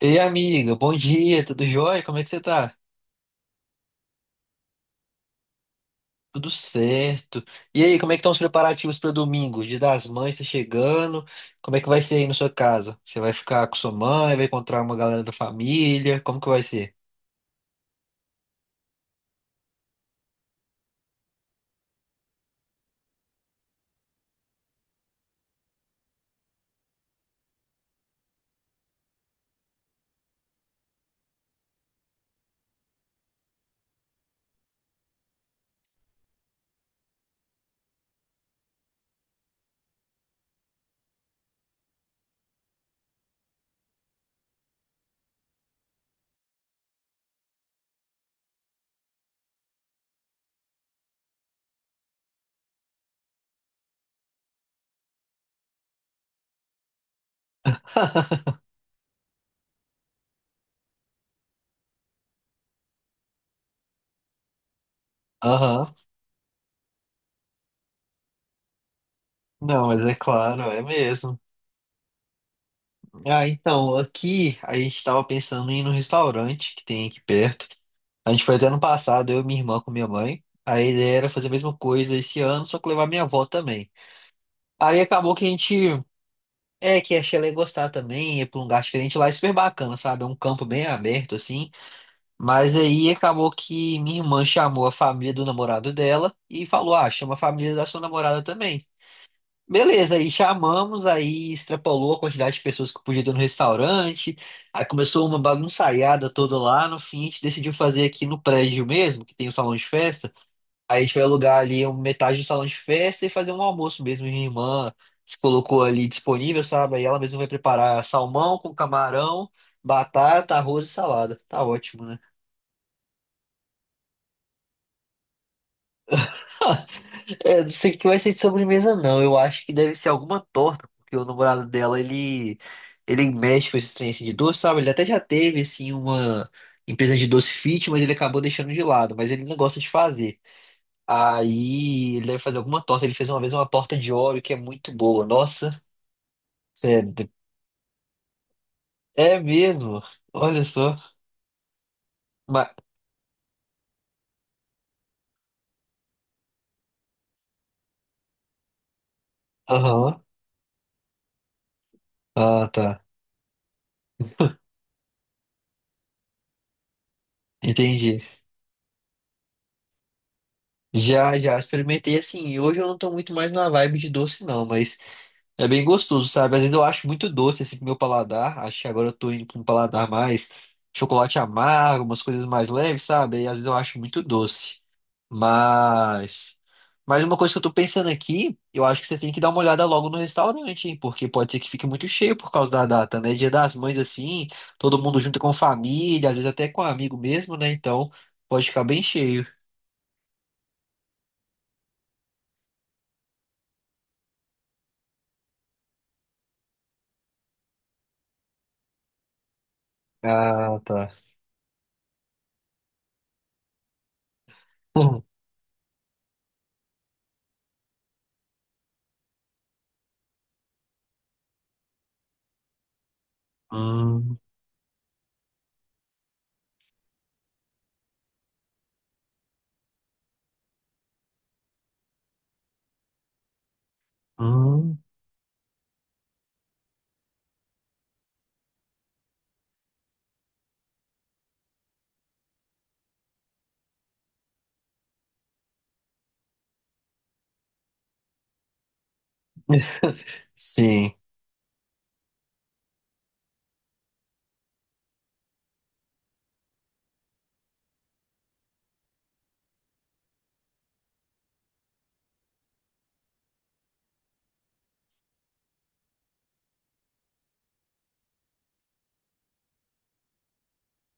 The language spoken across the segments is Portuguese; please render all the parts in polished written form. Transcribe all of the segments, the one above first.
Ei, amiga, bom dia, tudo jóia? Como é que você tá? Tudo certo. E aí, como é que estão os preparativos para domingo? Dia das Mães tá chegando. Como é que vai ser aí na sua casa? Você vai ficar com sua mãe, vai encontrar uma galera da família? Como que vai ser? Aham. Não, mas é claro, é mesmo. Ah, então, aqui a gente tava pensando em ir no restaurante que tem aqui perto. A gente foi até ano passado, eu e minha irmã com minha mãe. A ideia era fazer a mesma coisa esse ano, só que levar minha avó também. Aí acabou que a gente... É, que achei ela ia gostar também, ir pra um lugar diferente lá, é super bacana, sabe? É um campo bem aberto, assim. Mas aí acabou que minha irmã chamou a família do namorado dela e falou: "Ah, chama a família da sua namorada também." Beleza, aí chamamos, aí extrapolou a quantidade de pessoas que podia ter no restaurante, aí começou uma bagunçaiada toda lá. No fim, a gente decidiu fazer aqui no prédio mesmo, que tem o salão de festa. Aí a gente foi alugar ali metade do salão de festa e fazer um almoço mesmo. Minha irmã se colocou ali disponível, sabe? Aí ela mesma vai preparar salmão com camarão, batata, arroz e salada. Tá ótimo, né? É, eu não sei o que vai ser de sobremesa, não. Eu acho que deve ser alguma torta, porque o namorado dela, ele mexe com esse trem assim, de doce, sabe? Ele até já teve, assim, uma empresa de doce fit, mas ele acabou deixando de lado. Mas ele não gosta de fazer. Aí ele deve fazer alguma torta. Ele fez uma vez uma torta de Oreo que é muito boa. Nossa. Sério? É mesmo? Olha só. Mas... Aham. Ah, tá. Entendi. Já, já experimentei assim. E hoje eu não tô muito mais na vibe de doce, não, mas é bem gostoso, sabe? Às vezes eu acho muito doce assim pro meu paladar. Acho que agora eu tô indo pra um paladar mais chocolate amargo, umas coisas mais leves, sabe? E às vezes eu acho muito doce. Mas... Mas uma coisa que eu tô pensando aqui, eu acho que você tem que dar uma olhada logo no restaurante, hein? Porque pode ser que fique muito cheio por causa da data, né? Dia das Mães, assim, todo mundo junto com família, às vezes até com um amigo mesmo, né? Então pode ficar bem cheio. Ah, tá. Hum, hum. Hum. Sim,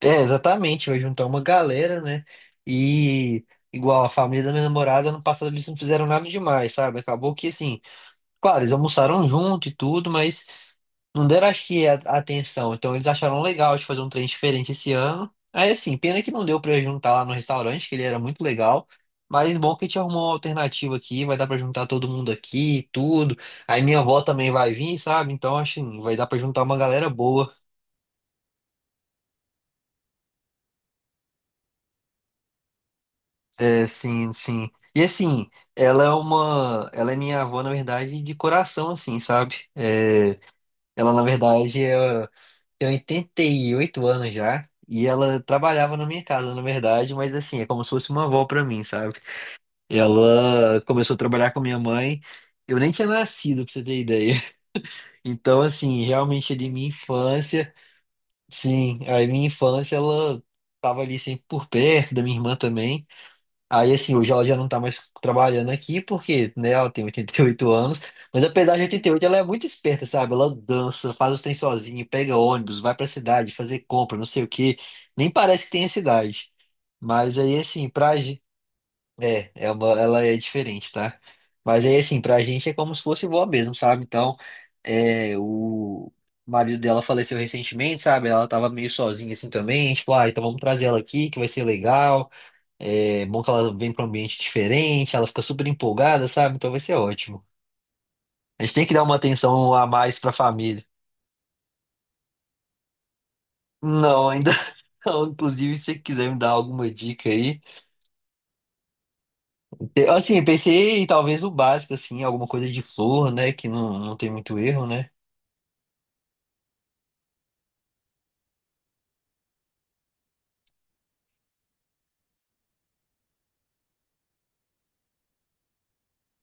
é exatamente. Vai juntar uma galera, né? E igual a família da minha namorada, ano passado eles não fizeram nada demais, sabe? Acabou que assim, claro, eles almoçaram junto e tudo, mas não deram, acho que, a atenção. Então eles acharam legal de fazer um trem diferente esse ano. Aí assim, pena que não deu pra juntar lá no restaurante, que ele era muito legal. Mas bom que a gente arrumou uma alternativa aqui, vai dar pra juntar todo mundo aqui, tudo. Aí minha avó também vai vir, sabe? Então acho que vai dar pra juntar uma galera boa. É, sim, sim. E assim, ela é minha avó, na verdade, de coração, assim, sabe? É, ela, na verdade, tem 88 anos já e ela trabalhava na minha casa, na verdade, mas assim, é como se fosse uma avó pra mim, sabe? Ela começou a trabalhar com minha mãe, eu nem tinha nascido, pra você ter ideia. Então, assim, realmente ali minha infância, sim, a minha infância ela tava ali sempre por perto da minha irmã também. Aí, assim, hoje ela já não tá mais trabalhando aqui, porque, né, ela tem 88 anos, mas apesar de 88, ela é muito esperta, sabe? Ela dança, faz os trem sozinha, pega ônibus, vai pra cidade fazer compra, não sei o quê. Nem parece que tem a cidade. Mas aí, assim, pra gente... ela é diferente, tá? Mas aí, assim, pra gente é como se fosse vó mesmo, sabe? Então, é, o marido dela faleceu recentemente, sabe? Ela tava meio sozinha, assim, também. Tipo, ah, então vamos trazer ela aqui, que vai ser legal. É bom que ela vem para um ambiente diferente, ela fica super empolgada, sabe? Então vai ser ótimo. A gente tem que dar uma atenção a mais para a família. Não, ainda não. Inclusive, se você quiser me dar alguma dica aí. Assim, eu pensei em talvez o básico, assim, alguma coisa de flor, né? Que não tem muito erro, né?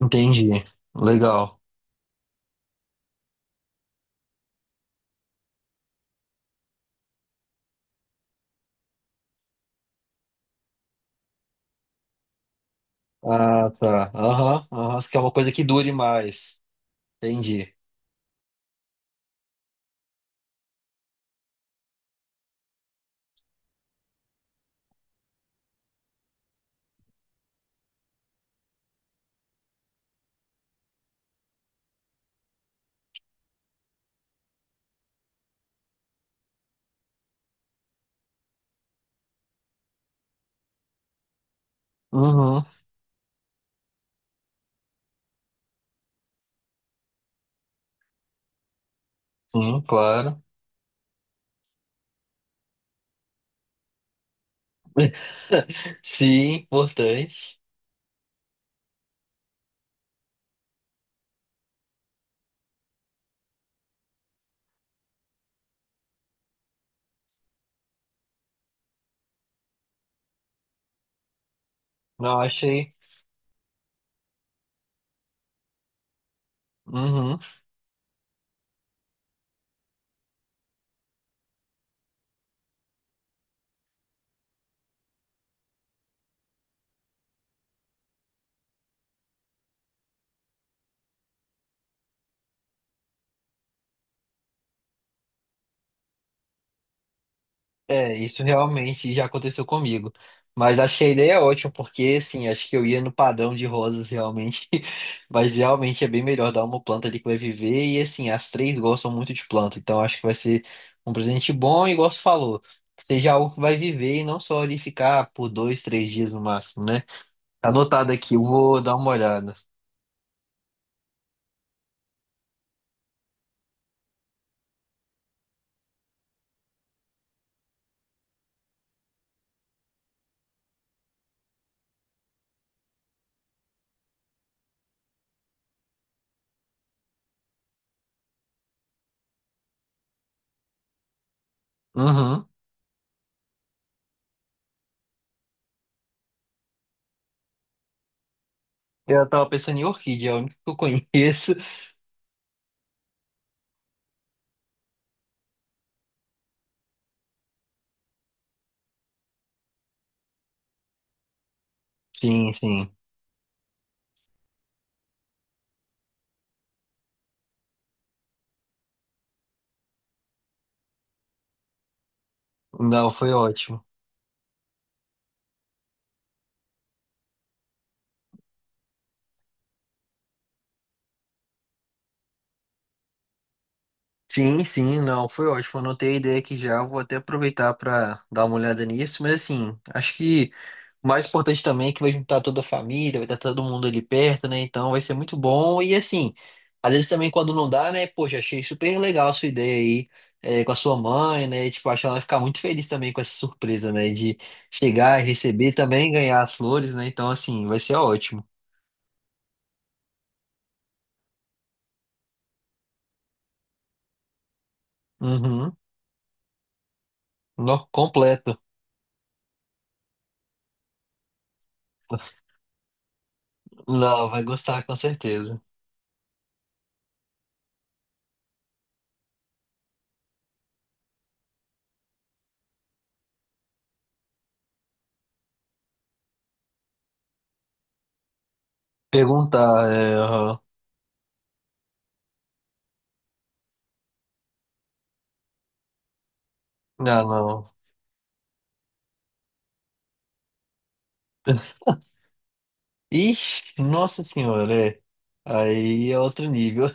Entendi. Legal. Ah, tá. Aham, aham. Você quer uma coisa que dure mais. Entendi. Uhum, sim, claro. Sim, importante. Não, achei. Uhum. É, isso realmente já aconteceu comigo. Mas achei a ideia é ótima, porque assim, acho que eu ia no padrão de rosas realmente. Mas realmente é bem melhor dar uma planta ali que vai viver. E assim, as três gostam muito de planta. Então acho que vai ser um presente bom, e igual você falou, que seja algo que vai viver e não só ali ficar por 2, 3 dias no máximo, né? Tá anotado aqui, eu vou dar uma olhada. Uhum. Eu tava pensando em orquídea, é a única que eu conheço. Sim, sim. Não, foi ótimo. Sim, sim, não, foi ótimo. Anotei a ideia aqui já, vou até aproveitar para dar uma olhada nisso, mas assim, acho que o mais importante também é que vai juntar toda a família, vai estar todo mundo ali perto, né? Então vai ser muito bom. E assim, às vezes também quando não dá, né? Poxa, achei super legal a sua ideia aí, é, com a sua mãe, né? Tipo, acho que ela vai ficar muito feliz também com essa surpresa, né? De chegar e receber também, ganhar as flores, né? Então, assim, vai ser ótimo. Uhum. No, completo. Não, vai gostar com certeza. Perguntar, é, aham. Ah, não. Ixi, nossa senhora, é. Aí é outro nível.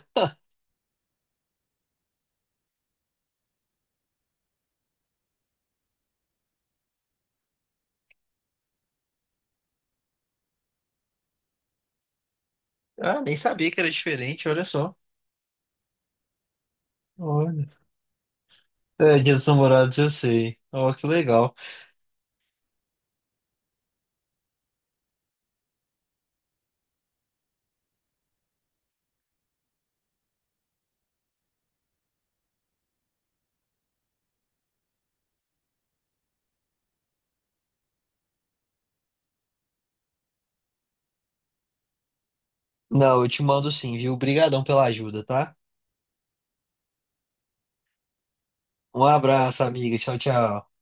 Ah, nem sabia que era diferente, olha só. Olha. É, Dia dos Namorados, eu sei. Ó, que legal. Não, eu te mando sim, viu? Obrigadão pela ajuda, tá? Um abraço, amiga. Tchau, tchau.